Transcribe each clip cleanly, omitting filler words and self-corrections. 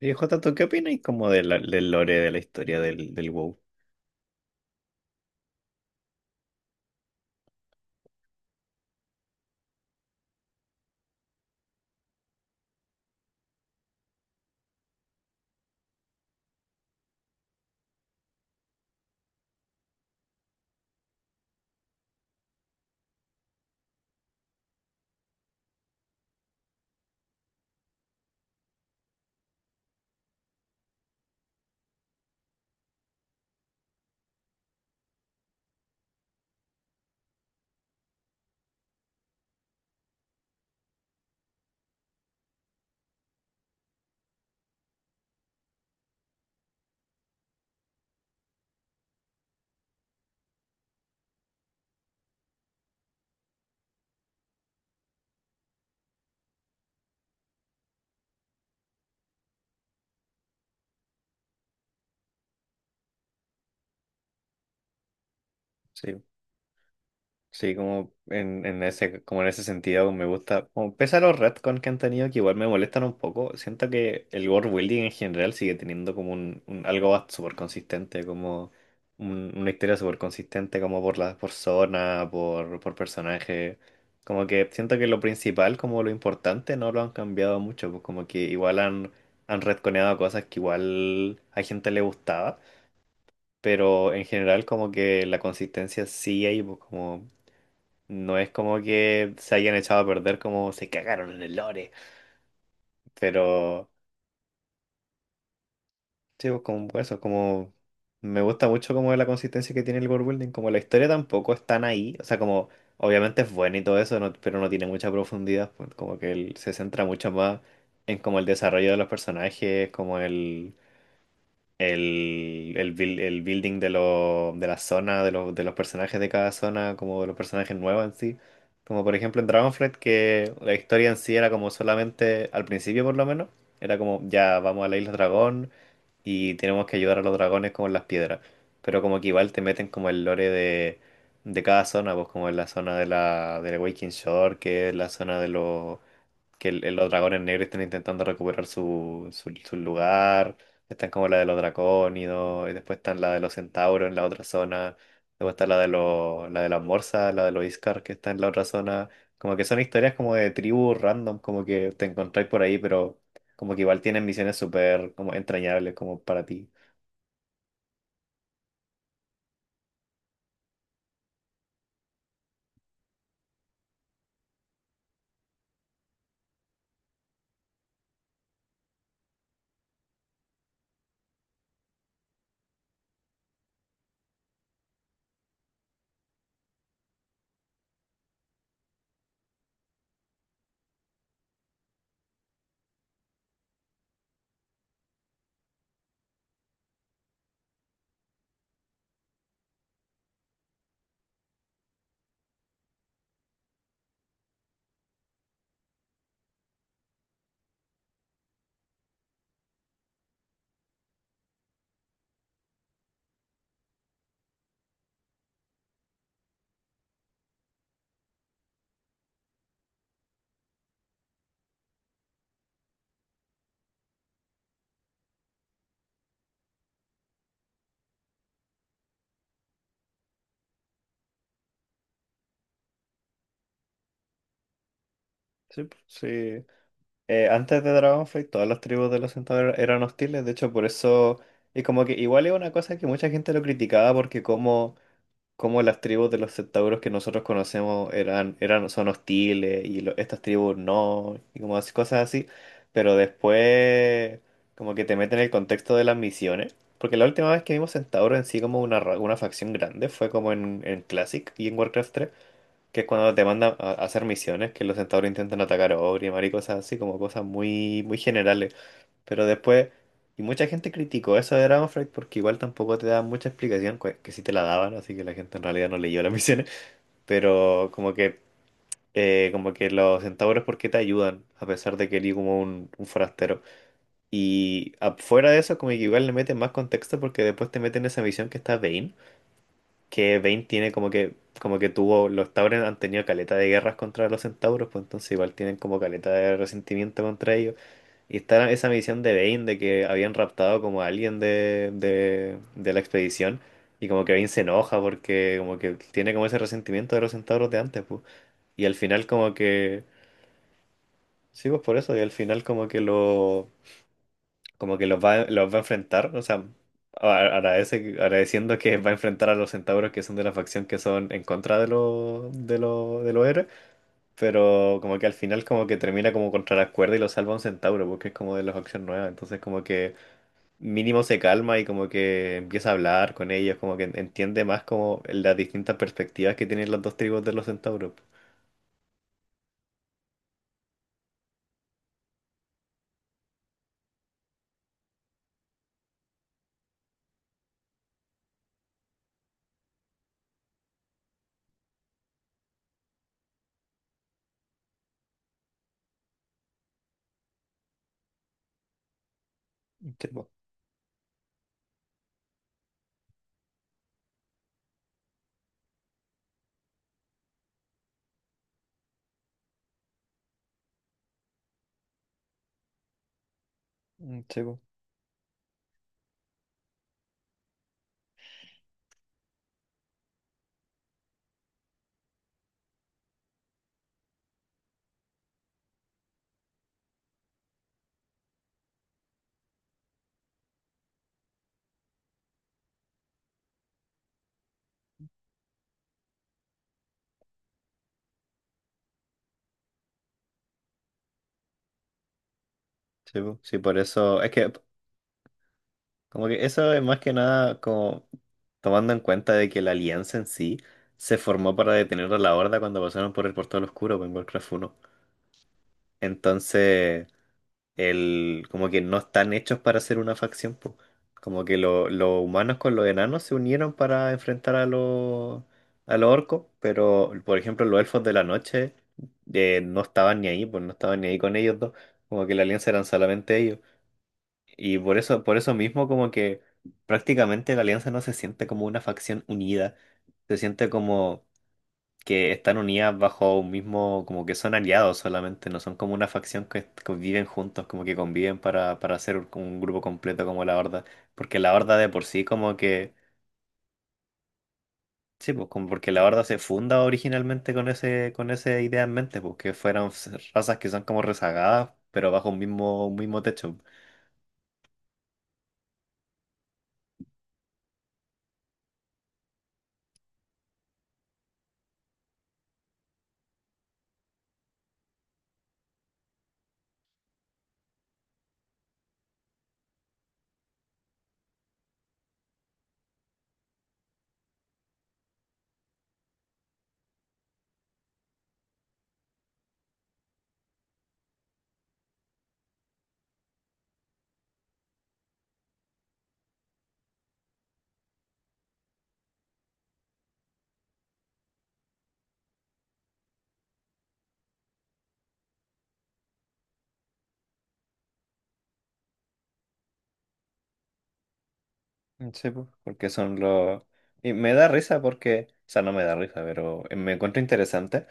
Y Jota, ¿tú qué opinas como del lore de la historia del WoW? Sí, sí, como en ese, como en ese sentido me gusta, como pese a los retcons que han tenido, que igual me molestan un poco. Siento que el world building en general sigue teniendo como súper consistente, como una historia súper consistente, como por por zona, por personaje. Como que siento que lo principal, como lo importante, no lo han cambiado mucho, pues como que igual han retconeado cosas que igual a gente le gustaba, pero en general como que la consistencia sí hay, pues, como no es como que se hayan echado a perder, como se cagaron en el lore, pero sí, pues, como eso. Como me gusta mucho como la consistencia que tiene el world building, como la historia tampoco es tan ahí, o sea, como obviamente es buena y todo eso, pero no tiene mucha profundidad, pues, como que él se centra mucho más en como el desarrollo de los personajes, como el building de la zona, los de los personajes de cada zona, como de los personajes nuevos en sí. Como por ejemplo en Dragonflight, que la historia en sí era como solamente, al principio por lo menos, era como ya vamos a la isla dragón y tenemos que ayudar a los dragones con las piedras. Pero como que igual te meten como el lore de cada zona, pues como en la zona de del Waking Shore, que es la zona de los que los dragones negros están intentando recuperar su lugar. Están como la de los dracónidos, y después están la de los centauros en la otra zona. Luego está la de los, la de las morsas, la de los Iskar, que está en la otra zona. Como que son historias como de tribus random, como que te encontráis por ahí, pero como que igual tienen misiones súper como entrañables como para ti. Sí, po, sí. Antes de Dragonflight, todas las tribus de los centauros eran hostiles, de hecho por eso... Y como que igual es una cosa que mucha gente lo criticaba, porque como cómo las tribus de los centauros que nosotros conocemos son hostiles y estas tribus no, y como cosas así, pero después como que te meten en el contexto de las misiones, porque la última vez que vimos centauros en sí como una, una facción grande fue como en Classic y en Warcraft tres, que es cuando te mandan a hacer misiones, que los centauros intentan atacar a Ogrimmar y cosas así, como cosas muy, muy generales. Pero después, y mucha gente criticó eso de Dragonflight porque igual tampoco te daban mucha explicación, que sí te la daban, así que la gente en realidad no leyó las misiones, pero como que los centauros, ¿por qué te ayudan? A pesar de que eres como un forastero. Y afuera de eso, como que igual le meten más contexto, porque después te meten esa misión que está Vayne, que Vayne tiene como que tuvo, los Tauren han tenido caleta de guerras contra los centauros, pues entonces igual tienen como caleta de resentimiento contra ellos. Y está esa misión de Bane, de que habían raptado como a alguien de la expedición. Y como que Bane se enoja porque como que tiene como ese resentimiento de los centauros de antes, pues. Y al final como que... Sí, pues por eso. Y al final como que lo... Como que los va a enfrentar. O sea, agradece, agradeciendo que va a enfrentar a los centauros que son de la facción que son en contra de los de los héroes. Pero como que al final como que termina como contra la cuerda y lo salva un centauro porque es como de la facción nueva. Entonces como que... mínimo se calma y como que empieza a hablar con ellos, como que entiende más como las distintas perspectivas que tienen las dos tribus de los centauros. Sí, po. Mm, sí, po. Sí, po. Sí, por eso, es que como que eso es más que nada como tomando en cuenta de que la alianza en sí se formó para detener a la Horda cuando pasaron por el Portal Oscuro po, en Warcraft 1. Entonces... el, como que no están hechos para ser una facción, po. Como que los humanos con los enanos se unieron para enfrentar a los orcos, pero por ejemplo los elfos de la noche no estaban ni ahí, pues no estaban ni ahí con ellos dos, como que la alianza eran solamente ellos. Y por eso mismo como que prácticamente la alianza no se siente como una facción unida, se siente como que están unidas bajo un mismo, como que son aliados solamente, no son como una facción que conviven juntos, como que conviven para hacer un grupo completo como la Horda, porque la Horda de por sí como que, sí, pues como porque la Horda se funda originalmente con ese, con esa idea en mente, porque fueran razas que son como rezagadas, pero bajo un mismo techo. Sí, pues, porque son los... Y me da risa porque, o sea, no me da risa, pero me encuentro interesante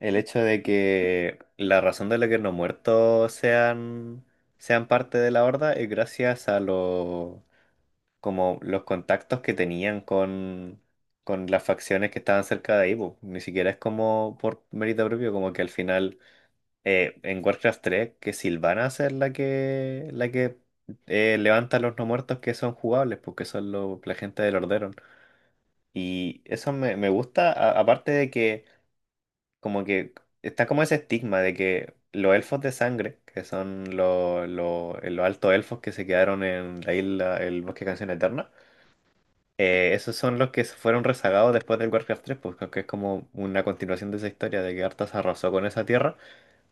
el hecho de que la razón de la que los muertos sean parte de la horda es gracias a los, como los contactos que tenían con las facciones que estaban cerca de ahí, pues. Ni siquiera es como por mérito propio, como que al final en Warcraft 3 que Sylvanas es la que levanta a los no muertos que son jugables, porque son los la gente del Orderon. Y eso me, me gusta, aparte de que como que está como ese estigma de que los elfos de sangre, que son los altos elfos que se quedaron en la isla, el bosque de Canción Eterna, esos son los que se fueron rezagados después del Warcraft 3, porque es como una continuación de esa historia de que Arthas arrasó con esa tierra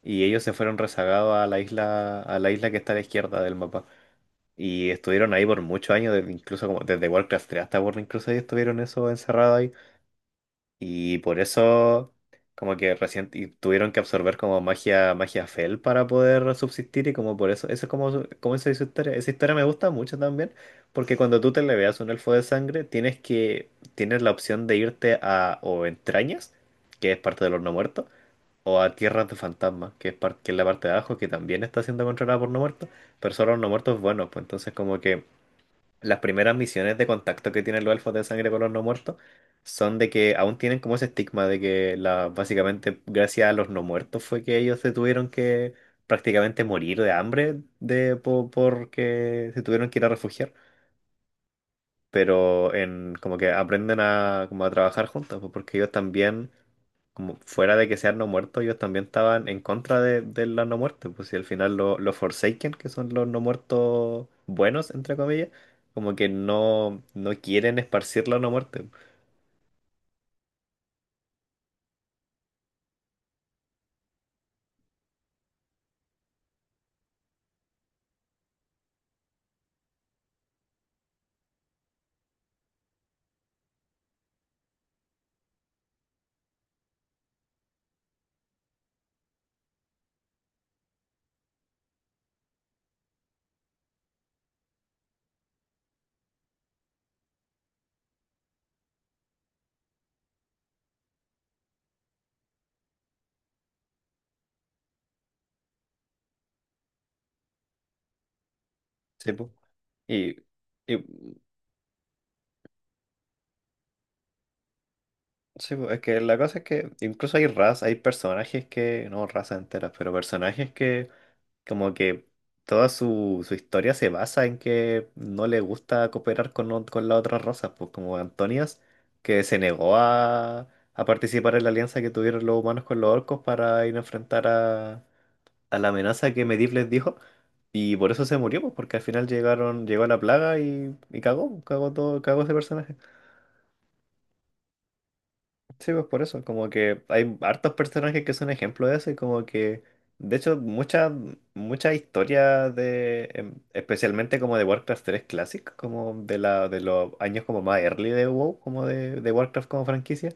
y ellos se fueron rezagados a la isla que está a la izquierda del mapa. Y estuvieron ahí por muchos años, incluso como desde Warcraft 3 hasta Burning Crusade estuvieron eso encerrado ahí. Y por eso como que recién y tuvieron que absorber como magia, magia Fel para poder subsistir, y como por eso, eso es como, como esa es su historia. Esa historia me gusta mucho también, porque cuando tú te le veas un elfo de sangre, tienes la opción de irte a o entrañas, que es parte de los no muertos, o a Tierras de Fantasmas, que es, que es la parte de abajo, que también está siendo controlada por no muertos, pero solo los no muertos buenos. Pues entonces como que las primeras misiones de contacto que tienen los elfos de sangre con los no muertos son de que aún tienen como ese estigma de que la, básicamente gracias a los no muertos fue que ellos se tuvieron que prácticamente morir de hambre porque se tuvieron que ir a refugiar, pero en como que aprenden a, como a trabajar juntos, pues, porque ellos también como fuera de que sean no muertos, ellos también estaban en contra de la no muerte, pues si al final los Forsaken, que son los no muertos buenos, entre comillas, como que no quieren esparcir la no muerte. Sí, pues. Y, y sí, pues, es que la cosa es que incluso hay razas, hay personajes que, no razas enteras, pero personajes que como que toda su historia se basa en que no le gusta cooperar con, con las otras razas, pues como Antonias, que se negó a participar en la alianza que tuvieron los humanos con los orcos para ir a enfrentar a la amenaza que Medivh les dijo, y por eso se murió, pues porque al final llegaron, llegó la plaga y cagó, cagó todo, cagó ese personaje. Sí, pues por eso, como que hay hartos personajes que son ejemplo de eso y como que, de hecho, muchas historias de, especialmente como de Warcraft 3 Classic, como de la de los años como más early de WoW, como de Warcraft como franquicia,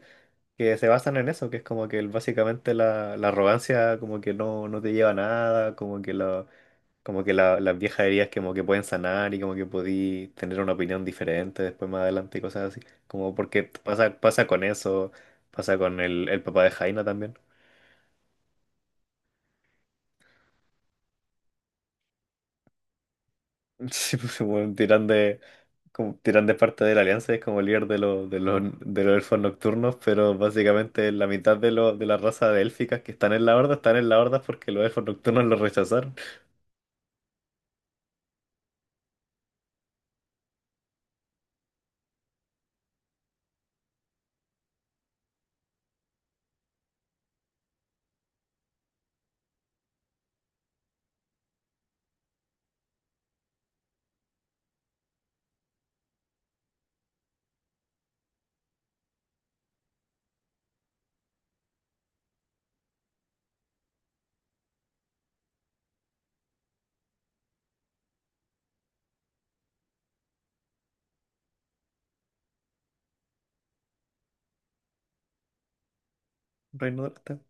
que se basan en eso, que es como que básicamente la, la arrogancia como que no te lleva a nada, como que como que las viejas heridas como que pueden sanar y como que podí tener una opinión diferente después más adelante y cosas así. Como porque pasa, pasa con eso, pasa con el papá de Jaina también. Sí, pues bueno, tiran de, como, tiran de parte de la Alianza, es como líder de los elfos nocturnos, pero básicamente la mitad de, los de la raza de élficas que están en la horda, están en la horda porque los elfos nocturnos los rechazaron. Reino de la Tierra.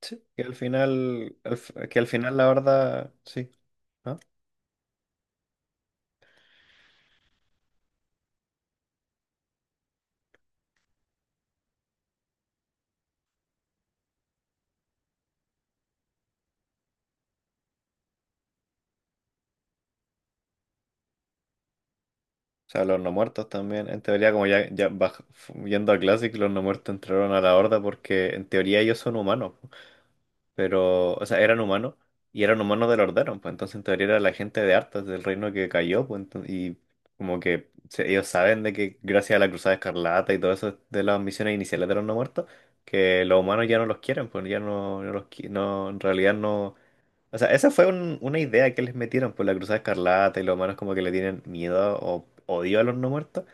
Sí. Que al final, que al final la horda, sí. O sea, los no muertos también. En teoría, como ya, yendo a Classic, los no muertos entraron a la Horda porque en teoría ellos son humanos, po. Pero, o sea, eran humanos y eran humanos del Orderon, pues entonces en teoría era la gente de Arthas, del reino que cayó, pues y como que ellos saben de que gracias a la Cruzada Escarlata y todo eso de las misiones iniciales de los no muertos, que los humanos ya no los quieren, pues ya no, no, en realidad no. O sea, esa fue una idea que les metieron por la Cruzada Escarlata y los humanos como que le tienen miedo o odio a los no muertos.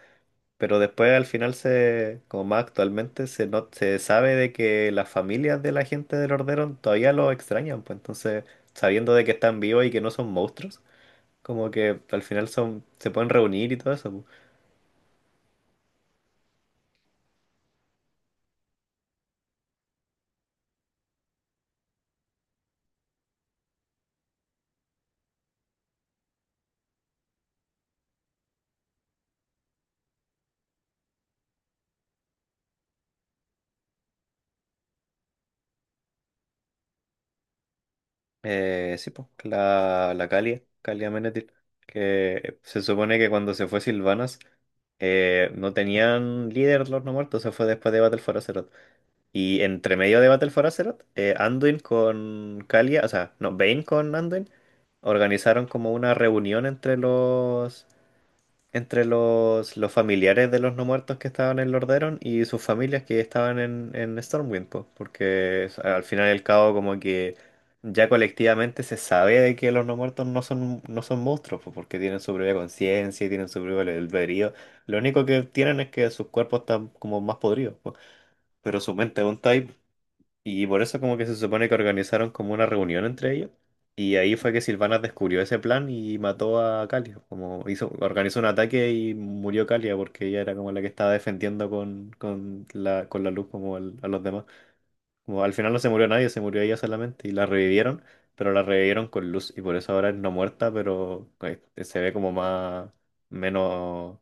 Pero después al final se, como más actualmente, se, no, se sabe de que las familias de la gente del Orderon todavía lo extrañan, pues entonces, sabiendo de que están vivos y que no son monstruos, como que al final son, se pueden reunir y todo eso, pues. Sí, pues, la Calia, Calia Menethil, que se supone que cuando se fue Sylvanas, no tenían líder los no muertos, se fue después de Battle for Azeroth. Y entre medio de Battle for Azeroth, Anduin con Kalia, o sea, no, Vayne con Anduin, organizaron como una reunión entre los entre los familiares de los no muertos que estaban en Lordaeron y sus familias que estaban en Stormwind, po, porque al final y al cabo como que ya colectivamente se sabe de que los no muertos no son, no son monstruos, po, porque tienen su propia conciencia y tienen su propio albedrío. Lo único que tienen es que sus cuerpos están como más podridos, po, pero su mente es un type. Y por eso como que se supone que organizaron como una reunión entre ellos. Y ahí fue que Silvana descubrió ese plan y mató a Kalia. Como hizo, organizó un ataque y murió Kalia porque ella era como la que estaba defendiendo con, con la luz como a los demás. Como al final no se murió nadie, se murió ella solamente. Y la revivieron, pero la revivieron con luz. Y por eso ahora es no muerta, pero se ve como más, menos.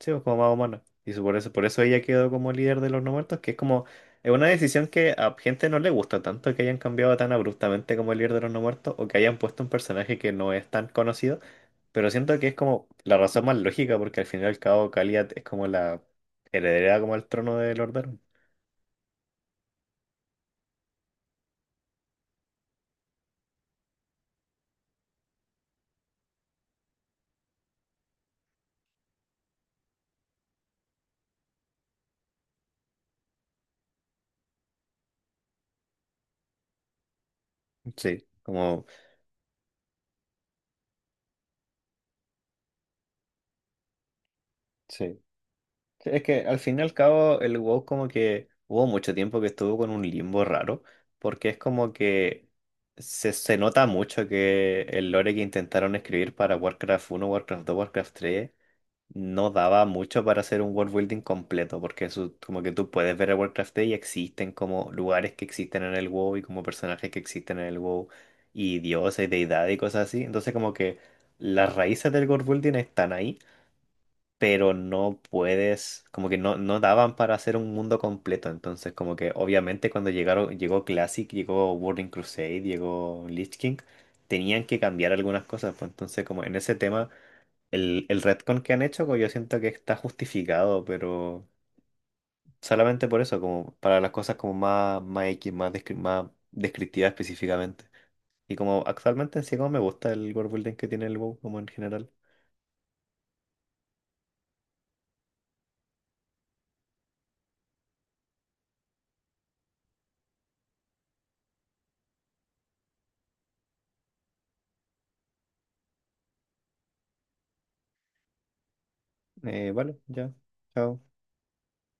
Sí, pues, como más humano. Y por eso ella quedó como líder de los no muertos, que es como, es una decisión que a gente no le gusta tanto que hayan cambiado tan abruptamente como el líder de los no muertos, o que hayan puesto un personaje que no es tan conocido, pero siento que es como la razón más lógica, porque al final y al cabo Kaliat es como la heredera como al trono de Lord Baron. Sí, como, sí. Sí, es que al fin y al cabo el WoW como que hubo mucho tiempo que estuvo con un limbo raro, porque es como que se nota mucho que el lore que intentaron escribir para Warcraft uno, Warcraft dos, Warcraft 3 no daba mucho para hacer un world building completo, porque eso, como que tú puedes ver el Warcraft 3 y existen como lugares que existen en el WoW y como personajes que existen en el WoW y dioses, deidades y cosas así, entonces como que las raíces del world building están ahí pero no puedes, como que no, no daban para hacer un mundo completo. Entonces, como que obviamente cuando llegaron, llegó Classic, llegó Burning Crusade, llegó Lich King, tenían que cambiar algunas cosas. Pues entonces, como en ese tema, el retcon que han hecho, como yo siento que está justificado, pero solamente por eso, como para las cosas como más, más X, más, más descriptivas específicamente. Y como actualmente en sí como me gusta el world building que tiene el WoW como en general. Vale, ya. Chao.